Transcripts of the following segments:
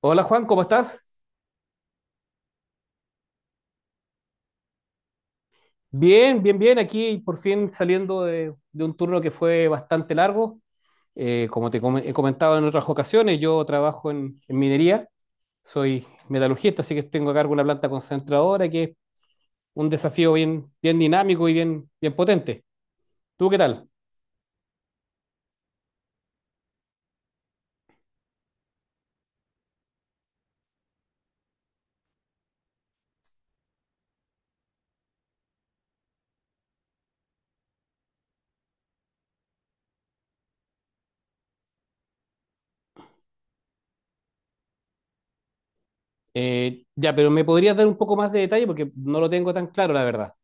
Hola Juan, ¿cómo estás? Bien, bien, bien. Aquí por fin saliendo de un turno que fue bastante largo. Como te he comentado en otras ocasiones, yo trabajo en minería, soy metalurgista, así que tengo a cargo una planta concentradora que es un desafío bien, bien dinámico y bien, bien potente. ¿Tú qué tal? Ya, pero ¿me podrías dar un poco más de detalle? Porque no lo tengo tan claro, la verdad.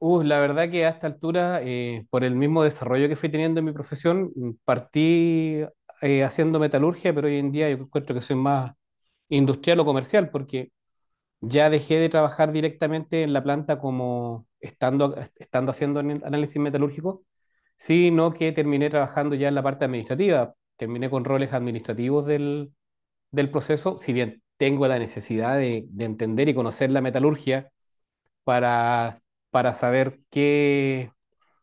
La verdad que a esta altura, por el mismo desarrollo que fui teniendo en mi profesión, partí haciendo metalurgia, pero hoy en día yo encuentro que soy más industrial o comercial, porque ya dejé de trabajar directamente en la planta como estando haciendo análisis metalúrgico, sino que terminé trabajando ya en la parte administrativa. Terminé con roles administrativos del proceso, si bien tengo la necesidad de entender y conocer la metalurgia para, para saber qué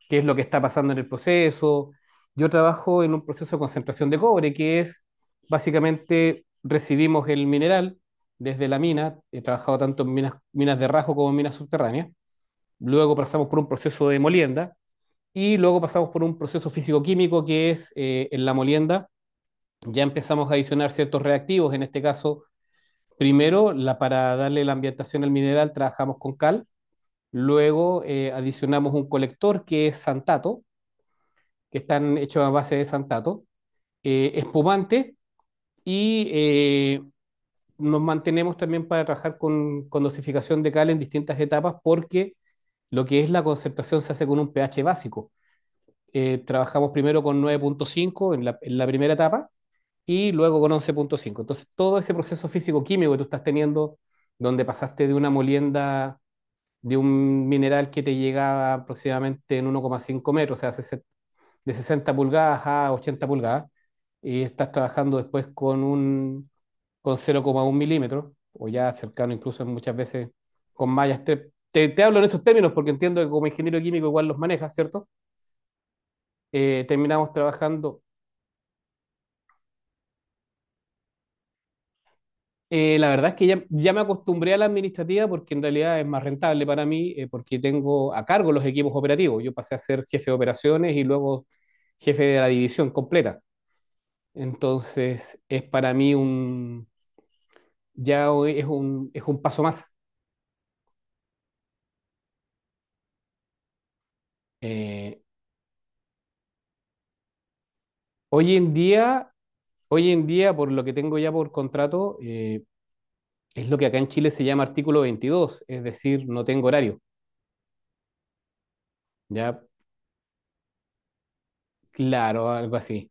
qué es lo que está pasando en el proceso. Yo trabajo en un proceso de concentración de cobre, que es básicamente recibimos el mineral desde la mina. He trabajado tanto en minas de rajo como en minas subterráneas, luego pasamos por un proceso de molienda y luego pasamos por un proceso físico-químico, que es, en la molienda, ya empezamos a adicionar ciertos reactivos. En este caso, primero, para darle la ambientación al mineral trabajamos con cal, luego adicionamos un colector que es santato, que están hechos a base de santato, espumante, y nos mantenemos también para trabajar con dosificación de cal en distintas etapas, porque lo que es la concentración se hace con un pH básico. Trabajamos primero con 9,5 en la, primera etapa, y luego con 11,5. Entonces, todo ese proceso físico-químico que tú estás teniendo, donde pasaste de una molienda de un mineral que te llegaba aproximadamente en 1,5 metros, o sea, de 60 pulgadas a 80 pulgadas, y estás trabajando después con un con 0,1 milímetros, o ya cercano, incluso muchas veces con mallas. Te hablo en esos términos porque entiendo que como ingeniero químico igual los manejas, ¿cierto? Terminamos trabajando. La verdad es que ya me acostumbré a la administrativa, porque en realidad es más rentable para mí, porque tengo a cargo los equipos operativos. Yo pasé a ser jefe de operaciones y luego jefe de la división completa. Entonces, es para mí ya hoy es un paso más. Eh, hoy en día, Hoy en día, por lo que tengo ya por contrato, es lo que acá en Chile se llama artículo 22, es decir, no tengo horario. Ya, claro, algo así.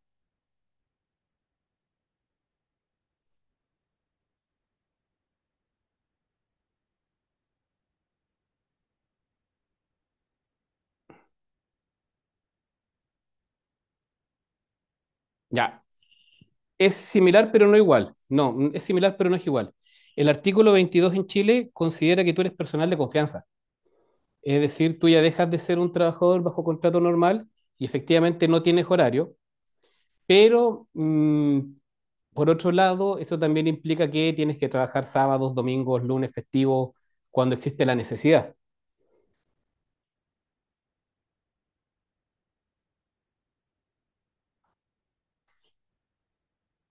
Ya, es similar pero no igual. No, es similar pero no es igual. El artículo 22 en Chile considera que tú eres personal de confianza. Es decir, tú ya dejas de ser un trabajador bajo contrato normal y efectivamente no tienes horario, pero por otro lado, eso también implica que tienes que trabajar sábados, domingos, lunes, festivos, cuando existe la necesidad.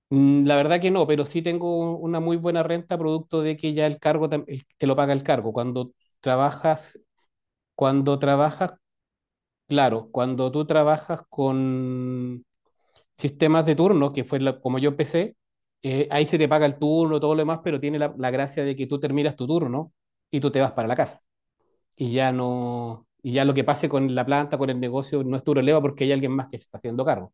La verdad que no, pero sí tengo una muy buena renta producto de que ya el cargo, te lo paga el cargo. Trabajas, Cuando trabajas, claro, cuando tú trabajas con sistemas de turno, que fue como yo empecé. Ahí se te paga el turno, todo lo demás, pero tiene la gracia de que tú terminas tu turno y tú te vas para la casa. Y ya no, Y ya lo que pase con la planta, con el negocio, no es tu problema porque hay alguien más que se está haciendo cargo.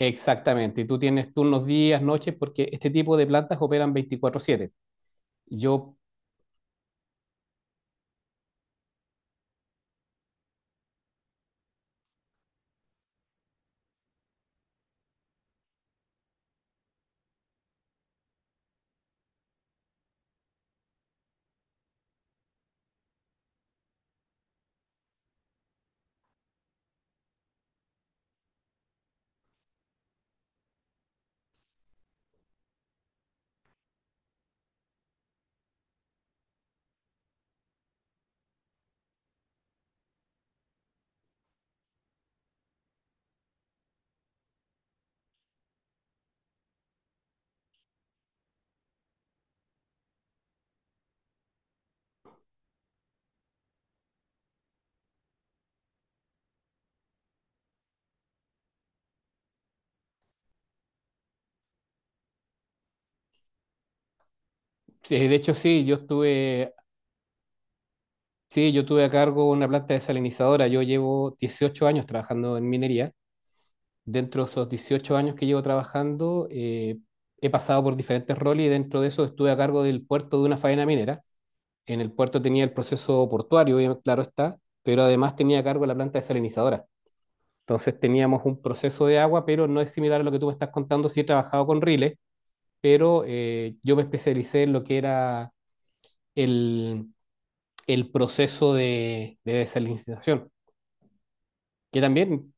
Exactamente, y tú tienes turnos días, noches, porque este tipo de plantas operan 24/7. Yo, de hecho, sí, yo tuve a cargo una planta desalinizadora. Yo llevo 18 años trabajando en minería. Dentro de esos 18 años que llevo trabajando, he pasado por diferentes roles y dentro de eso estuve a cargo del puerto de una faena minera. En el puerto tenía el proceso portuario, claro está, pero además tenía a cargo la planta desalinizadora. Entonces teníamos un proceso de agua, pero no es similar a lo que tú me estás contando. Sí, he trabajado con riles, pero yo me especialicé en lo que era el, el proceso de desalinización, que también.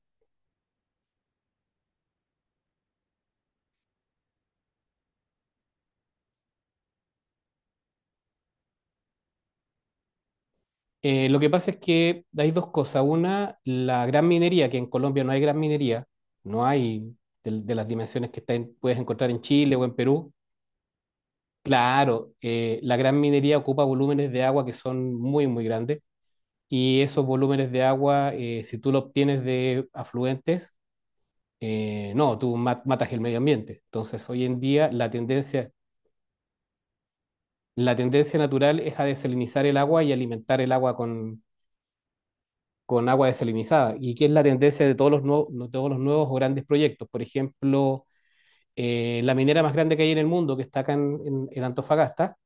Lo que pasa es que hay dos cosas. Una, la gran minería, que en Colombia no hay gran minería, no hay de las dimensiones que puedes encontrar en Chile o en Perú. Claro, la gran minería ocupa volúmenes de agua que son muy, muy grandes, y esos volúmenes de agua, si tú lo obtienes de afluentes, no, tú matas el medio ambiente. Entonces, hoy en día la tendencia natural es a desalinizar el agua y alimentar el agua con agua desalinizada. ¿Y que es la tendencia de todos los nuevos, no- todos los nuevos o grandes proyectos? Por ejemplo, la minera más grande que hay en el mundo, que está acá en Antofagasta.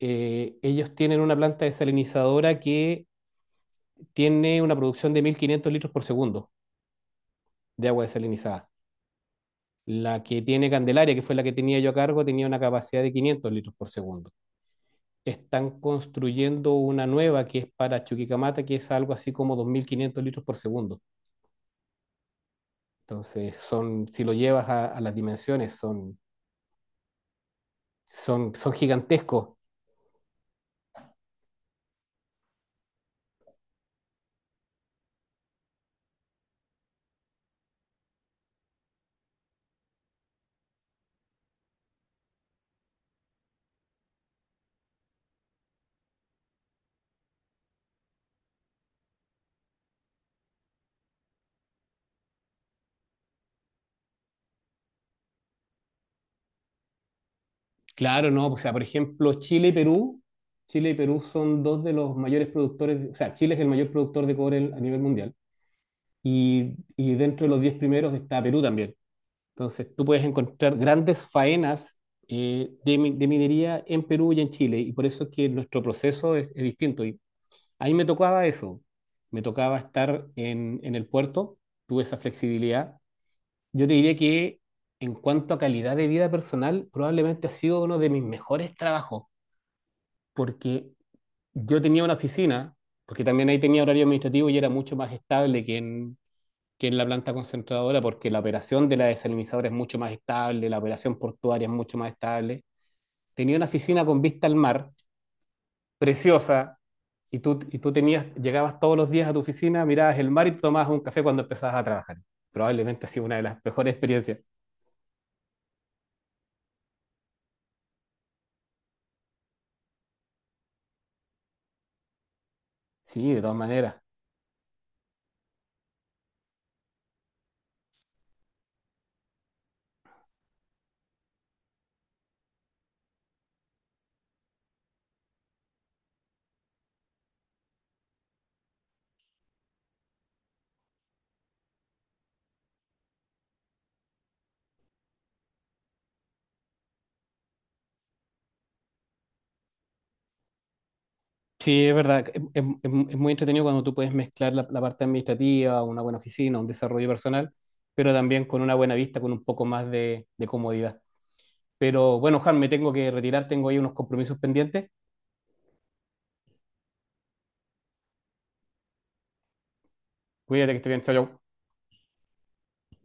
Ellos tienen una planta desalinizadora que tiene una producción de 1.500 litros por segundo de agua desalinizada. La que tiene Candelaria, que fue la que tenía yo a cargo, tenía una capacidad de 500 litros por segundo. Están construyendo una nueva que es para Chuquicamata, que es algo así como 2.500 litros por segundo. Entonces son, si lo llevas a las dimensiones, son gigantescos. Claro, no, o sea, por ejemplo, Chile y Perú son dos de los mayores productores. O sea, Chile es el mayor productor de cobre a nivel mundial, y, dentro de los 10 primeros está Perú también. Entonces, tú puedes encontrar grandes faenas de minería en Perú y en Chile, y por eso es que nuestro proceso es distinto. Y ahí me tocaba eso, me tocaba estar en el puerto. Tuve esa flexibilidad. Yo te diría que, en cuanto a calidad de vida personal, probablemente ha sido uno de mis mejores trabajos, porque yo tenía una oficina, porque también ahí tenía horario administrativo y era mucho más estable que que en la planta concentradora, porque la operación de la desalinizadora es mucho más estable, la operación portuaria es mucho más estable. Tenía una oficina con vista al mar, preciosa, y y tú tenías, llegabas todos los días a tu oficina, mirabas el mar y tomabas un café cuando empezabas a trabajar. Probablemente ha sido una de las mejores experiencias. Sí, de todas maneras. Sí, es verdad. Es muy entretenido cuando tú puedes mezclar la parte administrativa, una buena oficina, un desarrollo personal, pero también con una buena vista, con un poco más de comodidad. Pero bueno, Juan, me tengo que retirar, tengo ahí unos compromisos pendientes. Cuídate, que esté bien, chao, chao.